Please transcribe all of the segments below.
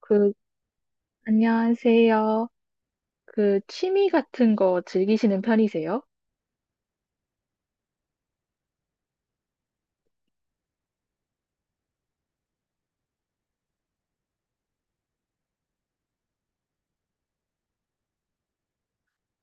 그, 안녕하세요. 취미 같은 거 즐기시는 편이세요?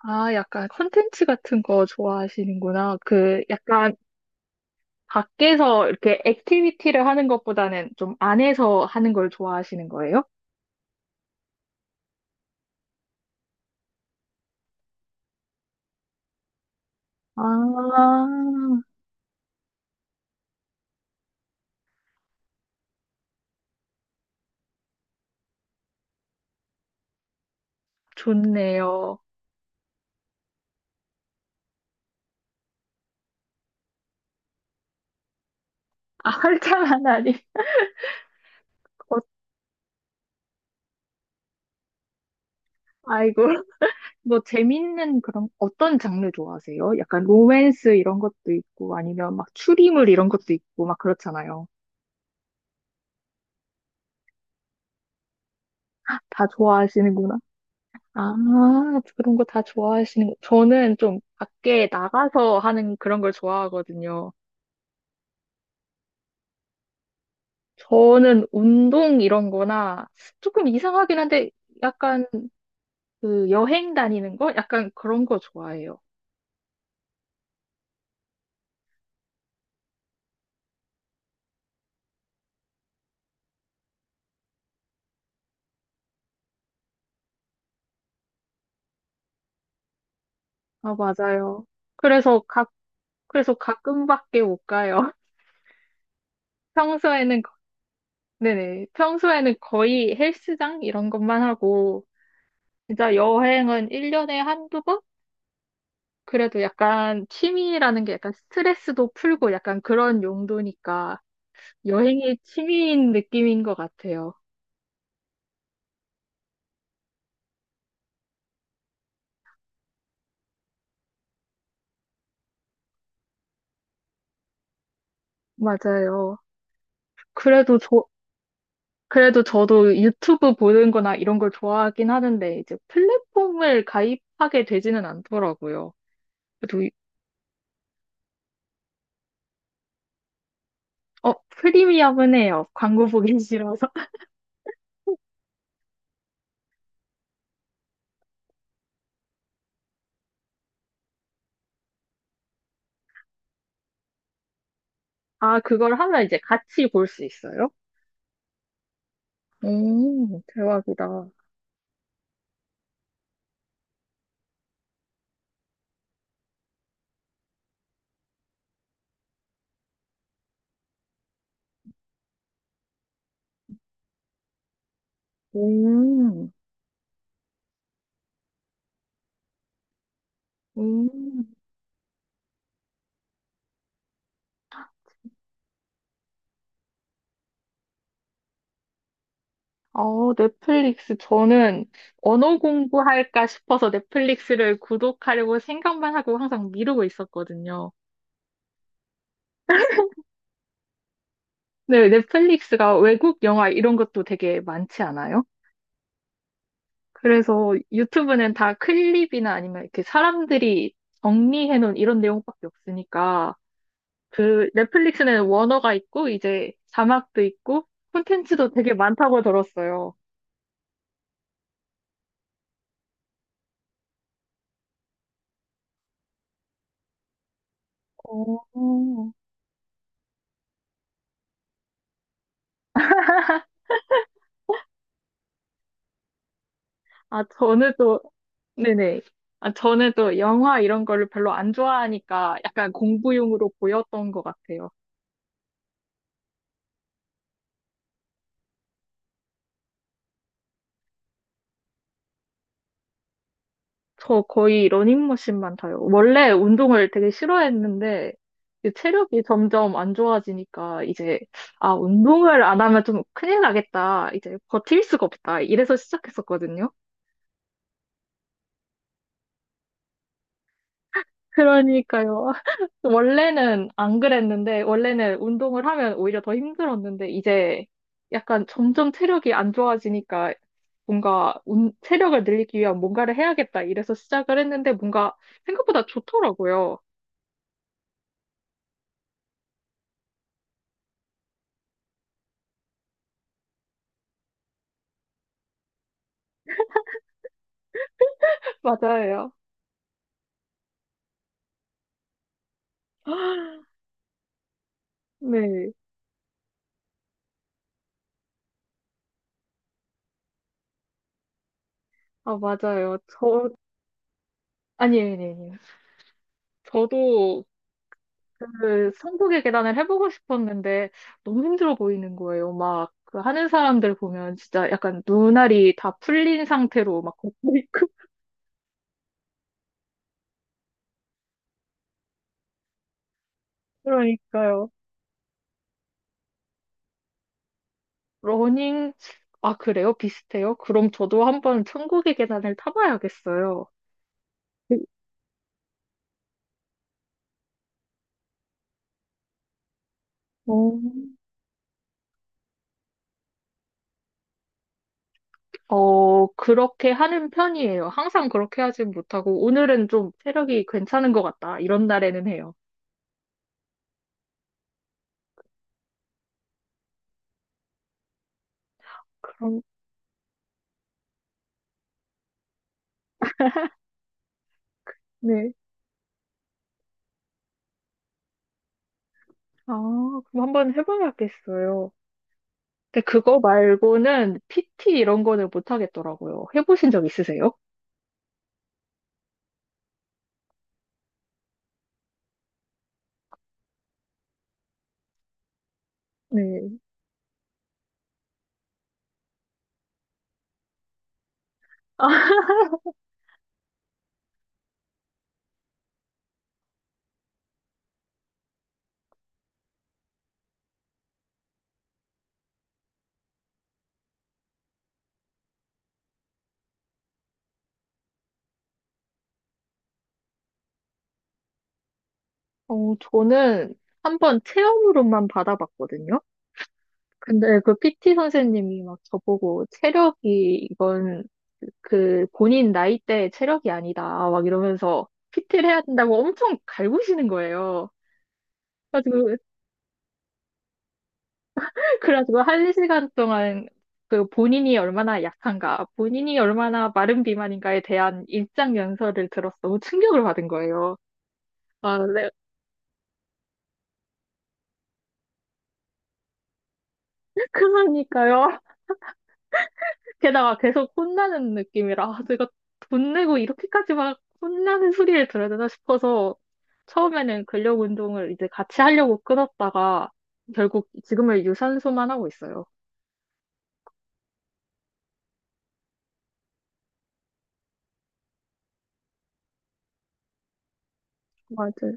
아, 약간 컨텐츠 같은 거 좋아하시는구나. 약간 밖에서 이렇게 액티비티를 하는 것보다는 좀 안에서 하는 걸 좋아하시는 거예요? 아, 좋네요. 아, 활짝한 아니. 어, 아이고. 뭐, 재밌는 그런, 어떤 장르 좋아하세요? 약간 로맨스 이런 것도 있고, 아니면 막 추리물 이런 것도 있고, 막 그렇잖아요. 다 좋아하시는구나. 아, 그런 거 다 좋아하시는 거. 저는 좀 밖에 나가서 하는 그런 걸 좋아하거든요. 저는 운동 이런 거나 조금 이상하긴 한데 약간 그 여행 다니는 거? 약간 그런 거 좋아해요. 아, 맞아요. 그래서 가, 그래서 가끔밖에 못 가요. 평소에는, 거- 네네. 평소에는 거의 헬스장 이런 것만 하고 진짜 여행은 1년에 한두 번? 그래도 약간 취미라는 게 약간 스트레스도 풀고 약간 그런 용도니까 여행이 취미인 느낌인 것 같아요. 맞아요. 그래도 저, 그래도 저도 유튜브 보는 거나 이런 걸 좋아하긴 하는데 이제 플랫폼을 가입하게 되지는 않더라고요. 그래도, 이- 어, 프리미엄은 해요. 광고 보기 싫어서. 아, 그걸 하면 이제 같이 볼 수 있어요? 오, 대박이다. 오, 오. 어, 넷플릭스. 저는 언어 공부할까 싶어서 넷플릭스를 구독하려고 생각만 하고 항상 미루고 있었거든요. 네, 넷플릭스가 외국 영화 이런 것도 되게 많지 않아요? 그래서 유튜브는 다 클립이나 아니면 이렇게 사람들이 정리해 놓은 이런 내용밖에 없으니까 그 넷플릭스는 원어가 있고 이제 자막도 있고 콘텐츠도 되게 많다고 들었어요. 어, 아, 저는 또 네네. 아, 저는 또 영화 이런 거를 별로 안 좋아하니까 약간 공부용으로 보였던 것 같아요. 저 거의 러닝머신만 타요. 원래 운동을 되게 싫어했는데 이제 체력이 점점 안 좋아지니까 이제 아, 운동을 안 하면 좀 큰일 나겠다. 이제 버틸 수가 없다. 이래서 시작했었거든요. 그러니까요. 원래는 안 그랬는데, 원래는 운동을 하면 오히려 더 힘들었는데, 이제 약간 점점 체력이 안 좋아지니까 뭔가 체력을 늘리기 위한 뭔가를 해야겠다 이래서 시작을 했는데 뭔가 생각보다 좋더라고요. 맞아요. 네. 아, 맞아요. 저, 아니, 아니, 아니. 저도 그 천국의 계단을 해보고 싶었는데 너무 힘들어 보이는 거예요. 막 그 하는 사람들 보면 진짜 약간 눈알이 다 풀린 상태로 막 걷고 있고 그러니까요. 러닝 아 그래요? 비슷해요? 그럼 저도 한번 천국의 계단을 타봐야겠어요. 어, 어, 그렇게 하는 편이에요. 항상 그렇게 하진 못하고, 오늘은 좀 체력이 괜찮은 것 같다. 이런 날에는 해요. 그럼, 네. 아, 그럼 한번 해봐야겠어요. 근데 그거 말고는 PT 이런 거는 못 하겠더라고요. 해보신 적 있으세요? 네. 아, 어, 저는 한 번 체험으로만 받아봤거든요. 근데 그 PT 선생님이 막 저보고 체력이 이건 그 본인 나이대의 체력이 아니다 막 이러면서 PT를 해야 된다고 엄청 갈구시는 거예요. 그래서 그래가지고 한 시간 동안 그 본인이 얼마나 약한가, 본인이 얼마나 마른 비만인가에 대한 일장 연설을 들어서 너무 충격을 받은 거예요. 아, 네. 그러니까요. 게다가 계속 혼나는 느낌이라, 아, 내가 돈 내고 이렇게까지 막 혼나는 소리를 들어야 되나 싶어서 처음에는 근력 운동을 이제 같이 하려고 끊었다가 결국 지금은 유산소만 하고 있어요. 맞아요.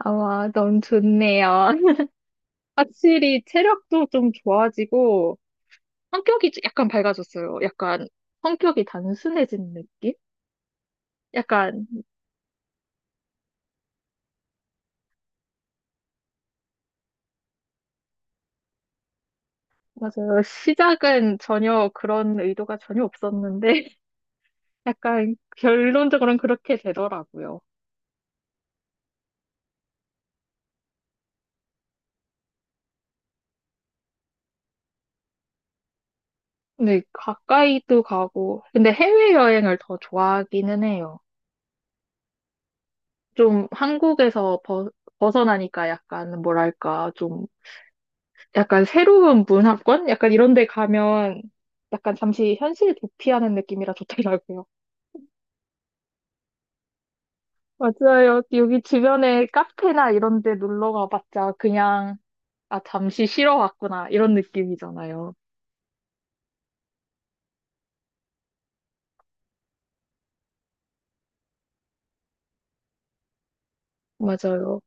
아, 와, 너무 좋네요. 확실히 체력도 좀 좋아지고, 성격이 약간 밝아졌어요. 약간 성격이 단순해진 느낌? 약간, 맞아요. 시작은 전혀 그런 의도가 전혀 없었는데, 약간 결론적으로는 그렇게 되더라고요. 근데 가까이도 가고, 근데 해외여행을 더 좋아하기는 해요. 좀 한국에서 벗어나니까 약간 뭐랄까, 좀 약간 새로운 문화권? 약간 이런 데 가면 약간 잠시 현실 도피하는 느낌이라 좋더라고요. 맞아요. 여기 주변에 카페나 이런 데 놀러 가봤자 그냥, 아, 잠시 쉬러 왔구나. 이런 느낌이잖아요. 맞아요.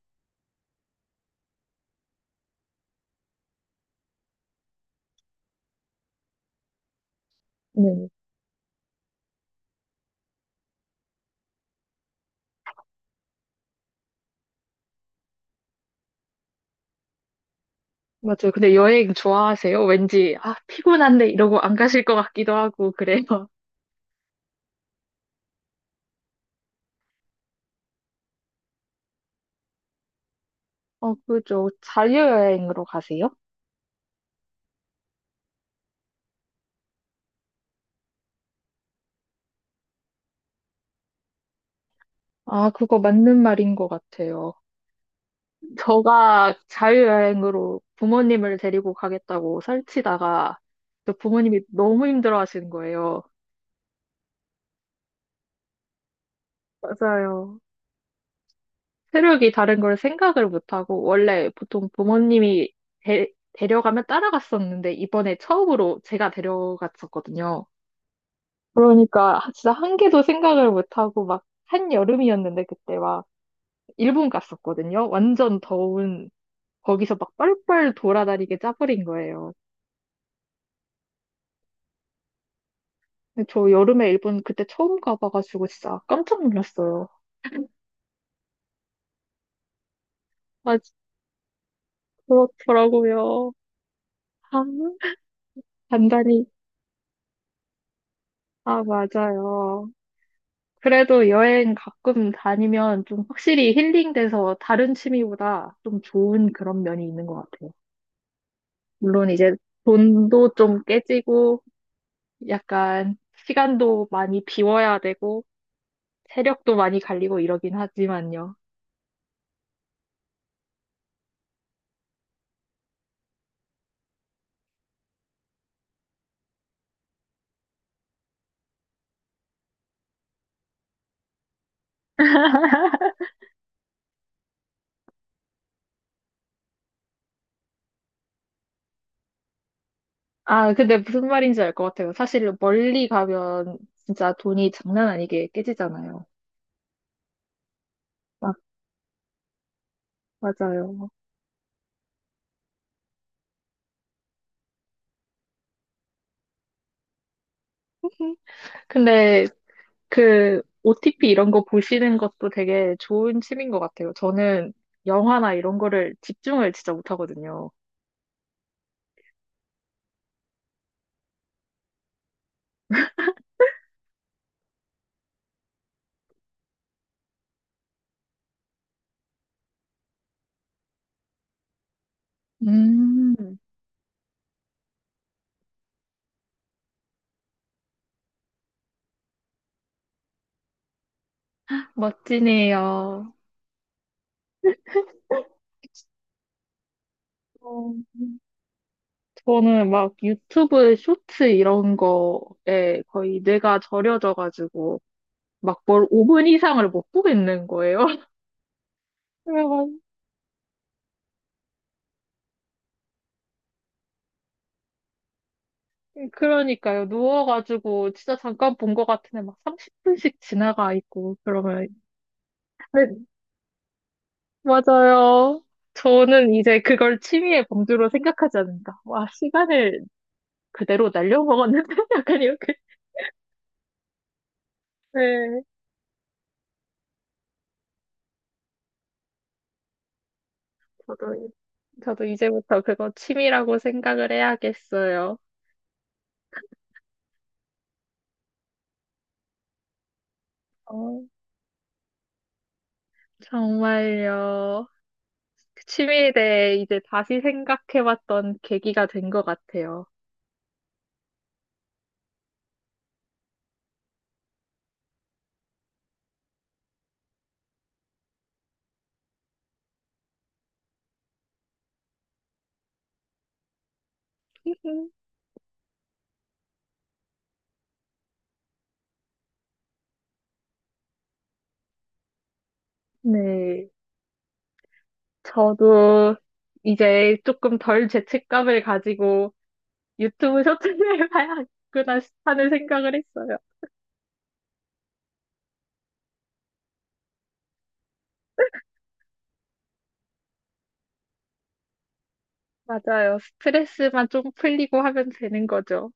네. 맞아요. 근데 여행 좋아하세요? 왠지, 아, 피곤한데 이러고 안 가실 것 같기도 하고, 그래요. 어, 그죠. 자유여행으로 가세요? 아, 그거 맞는 말인 것 같아요. 저가 자유여행으로 부모님을 데리고 가겠다고 설치다가, 또 부모님이 너무 힘들어 하시는 거예요. 맞아요. 세력이 다른 걸 생각을 못하고, 원래 보통 부모님이 데, 데려가면 따라갔었는데, 이번에 처음으로 제가 데려갔었거든요. 그러니까 진짜 한 개도 생각을 못하고, 막 한여름이었는데, 그때 막 일본 갔었거든요. 완전 더운, 거기서 막 뻘뻘 돌아다니게 짜버린 거예요. 근데 저 여름에 일본 그때 처음 가봐가지고 진짜 깜짝 놀랐어요. 아, 그렇더라고요. 아, 단단히 아, 맞아요. 그래도 여행 가끔 다니면 좀 확실히 힐링돼서 다른 취미보다 좀 좋은 그런 면이 있는 것 같아요. 물론 이제 돈도 좀 깨지고 약간 시간도 많이 비워야 되고 체력도 많이 갈리고 이러긴 하지만요. 아, 근데 무슨 말인지 알 것 같아요. 사실 멀리 가면 진짜 돈이 장난 아니게 깨지잖아요. 막, 맞아요. 근데 그 OTP 이런 거 보시는 것도 되게 좋은 취미인 것 같아요. 저는 영화나 이런 거를 집중을 진짜 못하거든요. 음, 멋지네요. 어, 저는 막 유튜브 쇼츠 이런 거에 거의 뇌가 절여져가지고 막 뭘 5분 이상을 못 보겠는 거예요. 그래가- 그러니까요. 누워가지고 진짜 잠깐 본 것 같은데 막 30분씩 지나가 있고 그러면 맞아요. 저는 이제 그걸 취미의 범주로 생각하지 않는다. 와, 시간을 그대로 날려먹었는데? 약간 이렇게. 네, 저도, 저도 이제부터 그거 취미라고 생각을 해야겠어요. 어, 정말요. 그 취미에 대해 이제 다시 생각해봤던 계기가 된 것 같아요. 네, 저도 이제 조금 덜 죄책감을 가지고 유튜브 쇼츠를 봐야겠구나 하는 생각을 했어요. 맞아요. 스트레스만 좀 풀리고 하면 되는 거죠.